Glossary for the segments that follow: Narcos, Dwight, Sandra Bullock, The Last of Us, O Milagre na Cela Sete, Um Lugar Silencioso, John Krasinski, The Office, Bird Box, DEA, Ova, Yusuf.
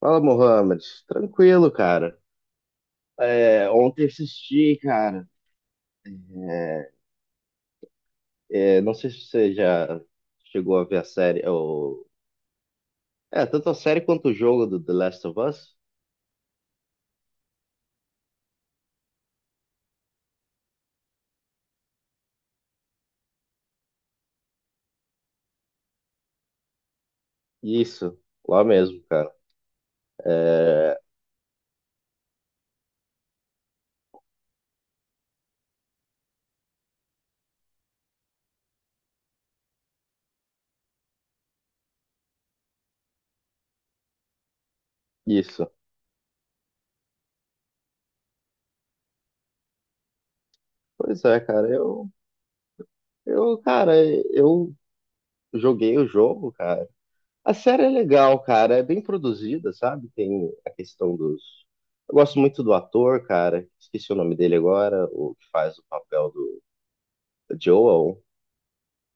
Fala, Mohamed. Tranquilo, cara. Ontem assisti, cara. É, não sei se você já chegou a ver a série, ou... É, tanto a série quanto o jogo do The Last of Us. Isso, lá mesmo, cara. É, isso. Pois é, cara. Cara, eu joguei o jogo, cara. A série é legal, cara. É bem produzida, sabe? Tem a questão dos. Eu gosto muito do ator, cara. Esqueci o nome dele agora, o que faz o papel do Joel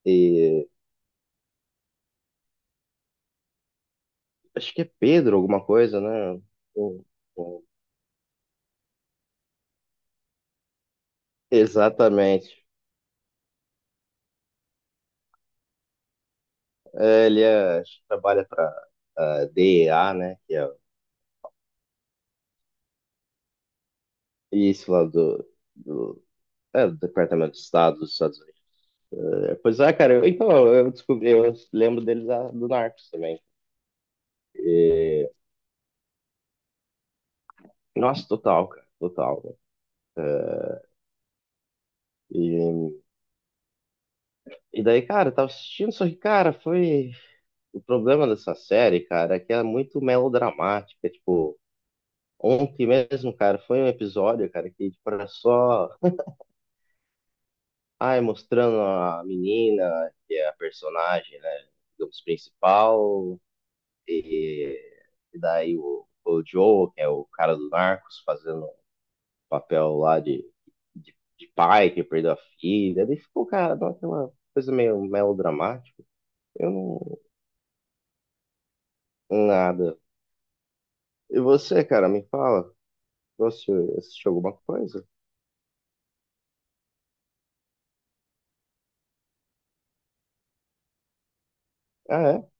e acho que é Pedro alguma coisa, né? Um- um- Exatamente. É, ele é- acho que trabalha para a DEA, né? Que é isso lá do, do Departamento de Estado dos Estados Unidos. É, pois é, cara. Então, eu descobri, eu lembro deles da- do Narcos também. E, nossa, total, cara. Total. Né? E, e daí, cara, eu tava assistindo, só que, cara, foi. O problema dessa série, cara, é que ela é muito melodramática, tipo. Ontem mesmo, cara, foi um episódio, cara, que tipo, era só, ai, mostrando a menina, que é a personagem, né, digamos, principal, e, e daí o Joe, que é o cara do Narcos, fazendo um papel lá de pai que perdeu a filha, daí ficou, cara, dá aquela coisa meio melodramática, eu não, nada. E você, cara, me fala, você assistiu alguma coisa? Ah, é?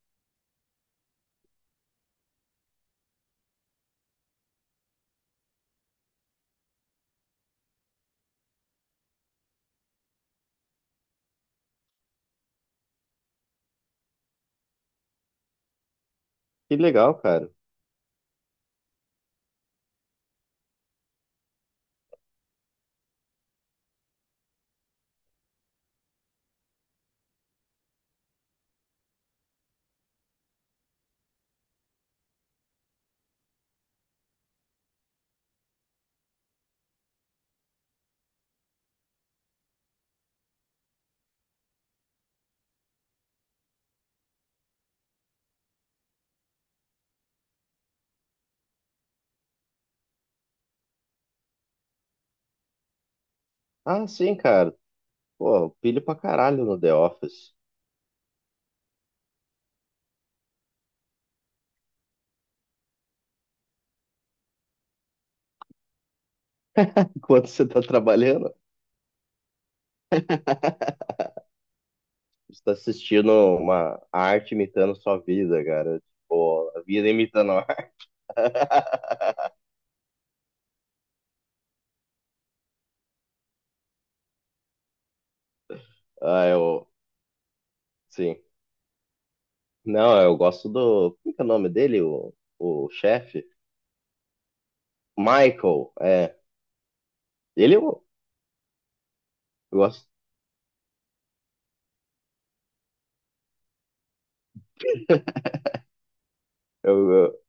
Que legal, cara. Ah, sim, cara. Pô, pilho pra caralho no The Office. Enquanto você tá trabalhando, você tá assistindo uma arte imitando sua vida, cara. Tipo, a vida imitando a arte. Ah, eu. Sim. Não, eu gosto do. Como que é o nome dele? O chefe? Michael, é. Ele eu, eu gosto. Eu, eu-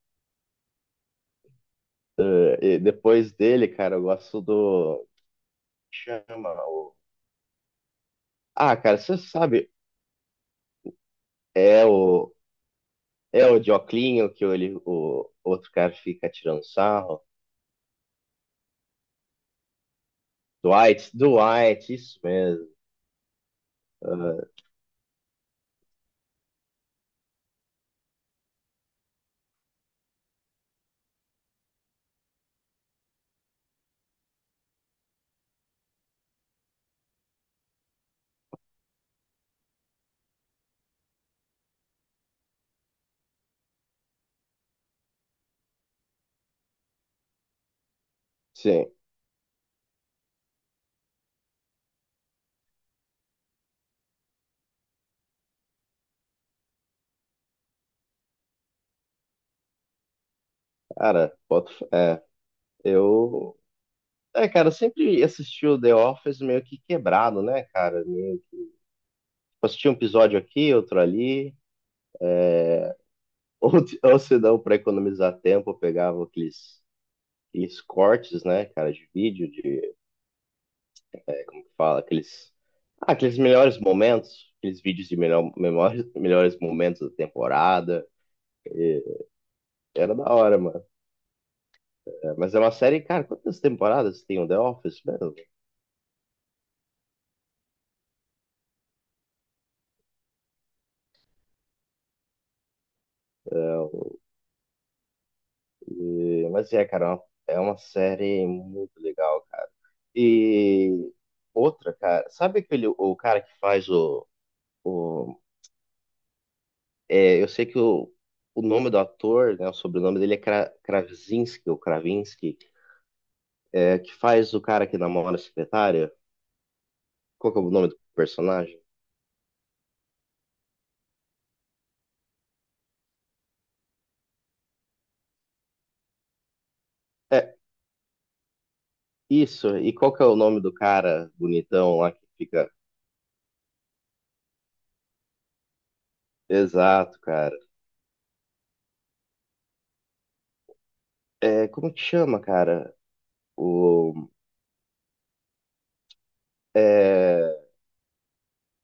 e depois dele, cara, eu gosto do. Chama o. Ah, cara, você sabe. É o. É o de que ele, o outro cara fica tirando sarro. Dwight, isso mesmo. Ah, sim, cara, boto, fé. É, eu. É, cara, eu sempre assisti o The Office meio que quebrado, né, cara? Meio- tipo, assistia um episódio aqui, outro ali. Ou, ou se não, pra economizar tempo, eu pegava aqueles cortes, né, cara, de vídeo, de. Como que fala, aqueles. Ah, aqueles melhores momentos, aqueles vídeos de melhor, memórias- melhores momentos da temporada. Era da hora, mano. É, mas é uma série, cara, quantas temporadas tem o The Office, mano? Então, é, mas é, cara, é uma série muito legal, cara. E outra, cara, sabe aquele o cara que faz o, eu sei que o nome do ator, né, o sobrenome dele é Kra, Krasinski ou Kravinsky, é, que faz o cara que namora a secretária? Qual que é o nome do personagem? É, isso. E qual que é o nome do cara bonitão lá que fica? Exato, cara. É, como que chama, cara? O, é,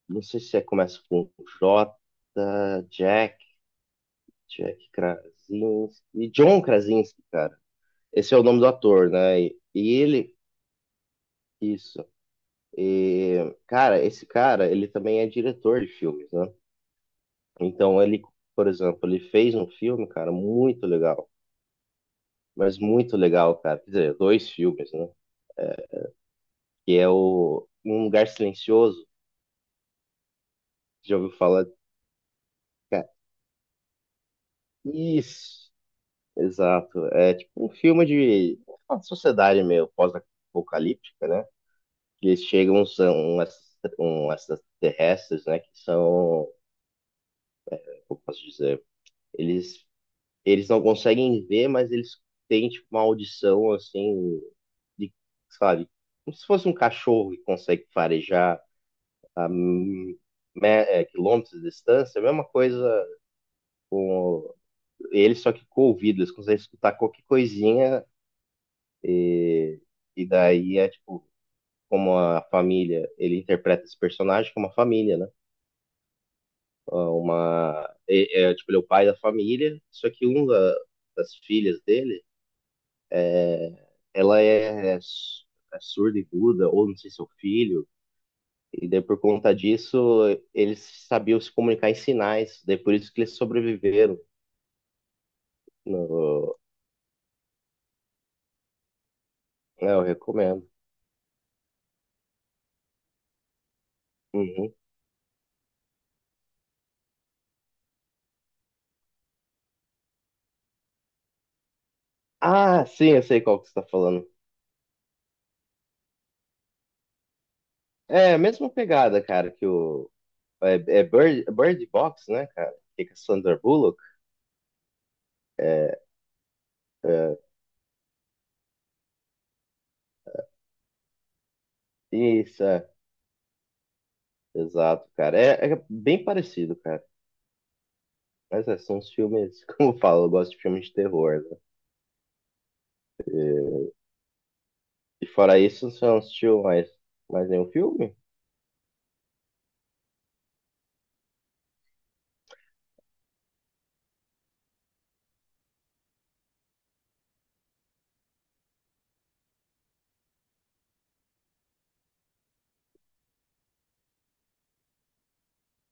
não sei se é, começa com J, Jack, John Krasinski, cara. Esse é o nome do ator, né? E ele, isso. E, cara, esse cara, ele também é diretor de filmes, né? Então, ele, por exemplo, ele fez um filme, cara, muito legal. Mas muito legal, cara. Quer dizer, dois filmes, né? É, que é o Um Lugar Silencioso. Já ouviu falar? Cara, isso! Exato. É tipo um filme de uma sociedade meio pós-apocalíptica, né? Que eles chegam, são esses um, extraterrestres, né? Que são, como posso dizer, eles, eles não conseguem ver, mas eles têm tipo, uma audição assim, de, sabe? Como se fosse um cachorro que consegue farejar a me- quilômetros de distância, a mesma coisa com eles, só que com o ouvido, eles conseguem escutar qualquer coisinha. E, e daí é tipo, como a família, ele interpreta esse personagem como uma família, né? Ah, uma, tipo, ele é o pai da família, só que uma das filhas dele, é é surda e muda, ou não sei se é o filho, e daí por conta disso, eles sabiam se comunicar em sinais, daí por isso que eles sobreviveram. No... É, eu recomendo. Uhum. Ah, sim, eu sei qual que você tá falando. É a mesma pegada, cara, que É, é Bird, Bird Box, né, cara? Que é com a Sandra Bullock. É, é, isso, é, exato, cara. É, é bem parecido, cara. Mas é, são os filmes, como eu falo, eu gosto de filmes de terror, né? E fora isso, você não assistiu mais nenhum filme?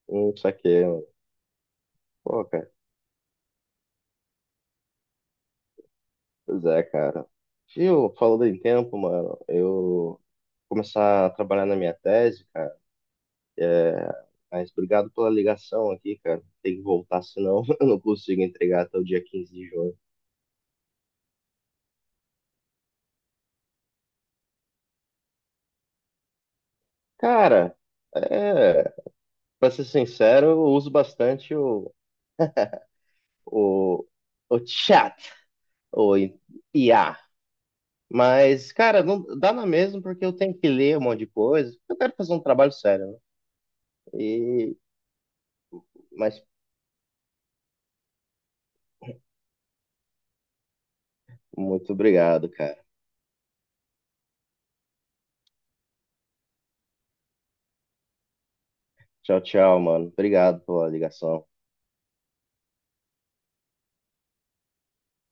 Isso aqui, pô, cara. Pois é, cara. E eu falando em tempo, mano, eu começar a trabalhar na minha tese, cara. É, mas obrigado pela ligação aqui, cara. Tem que voltar, senão eu não consigo entregar até o dia 15 de junho. Cara, é, para ser sincero, eu uso bastante o, o chat, o IA. Mas, cara, não dá na mesma porque eu tenho que ler um monte de coisa. Eu quero fazer um trabalho sério, né? E, mas muito obrigado, cara. Tchau, tchau, mano. Obrigado pela ligação.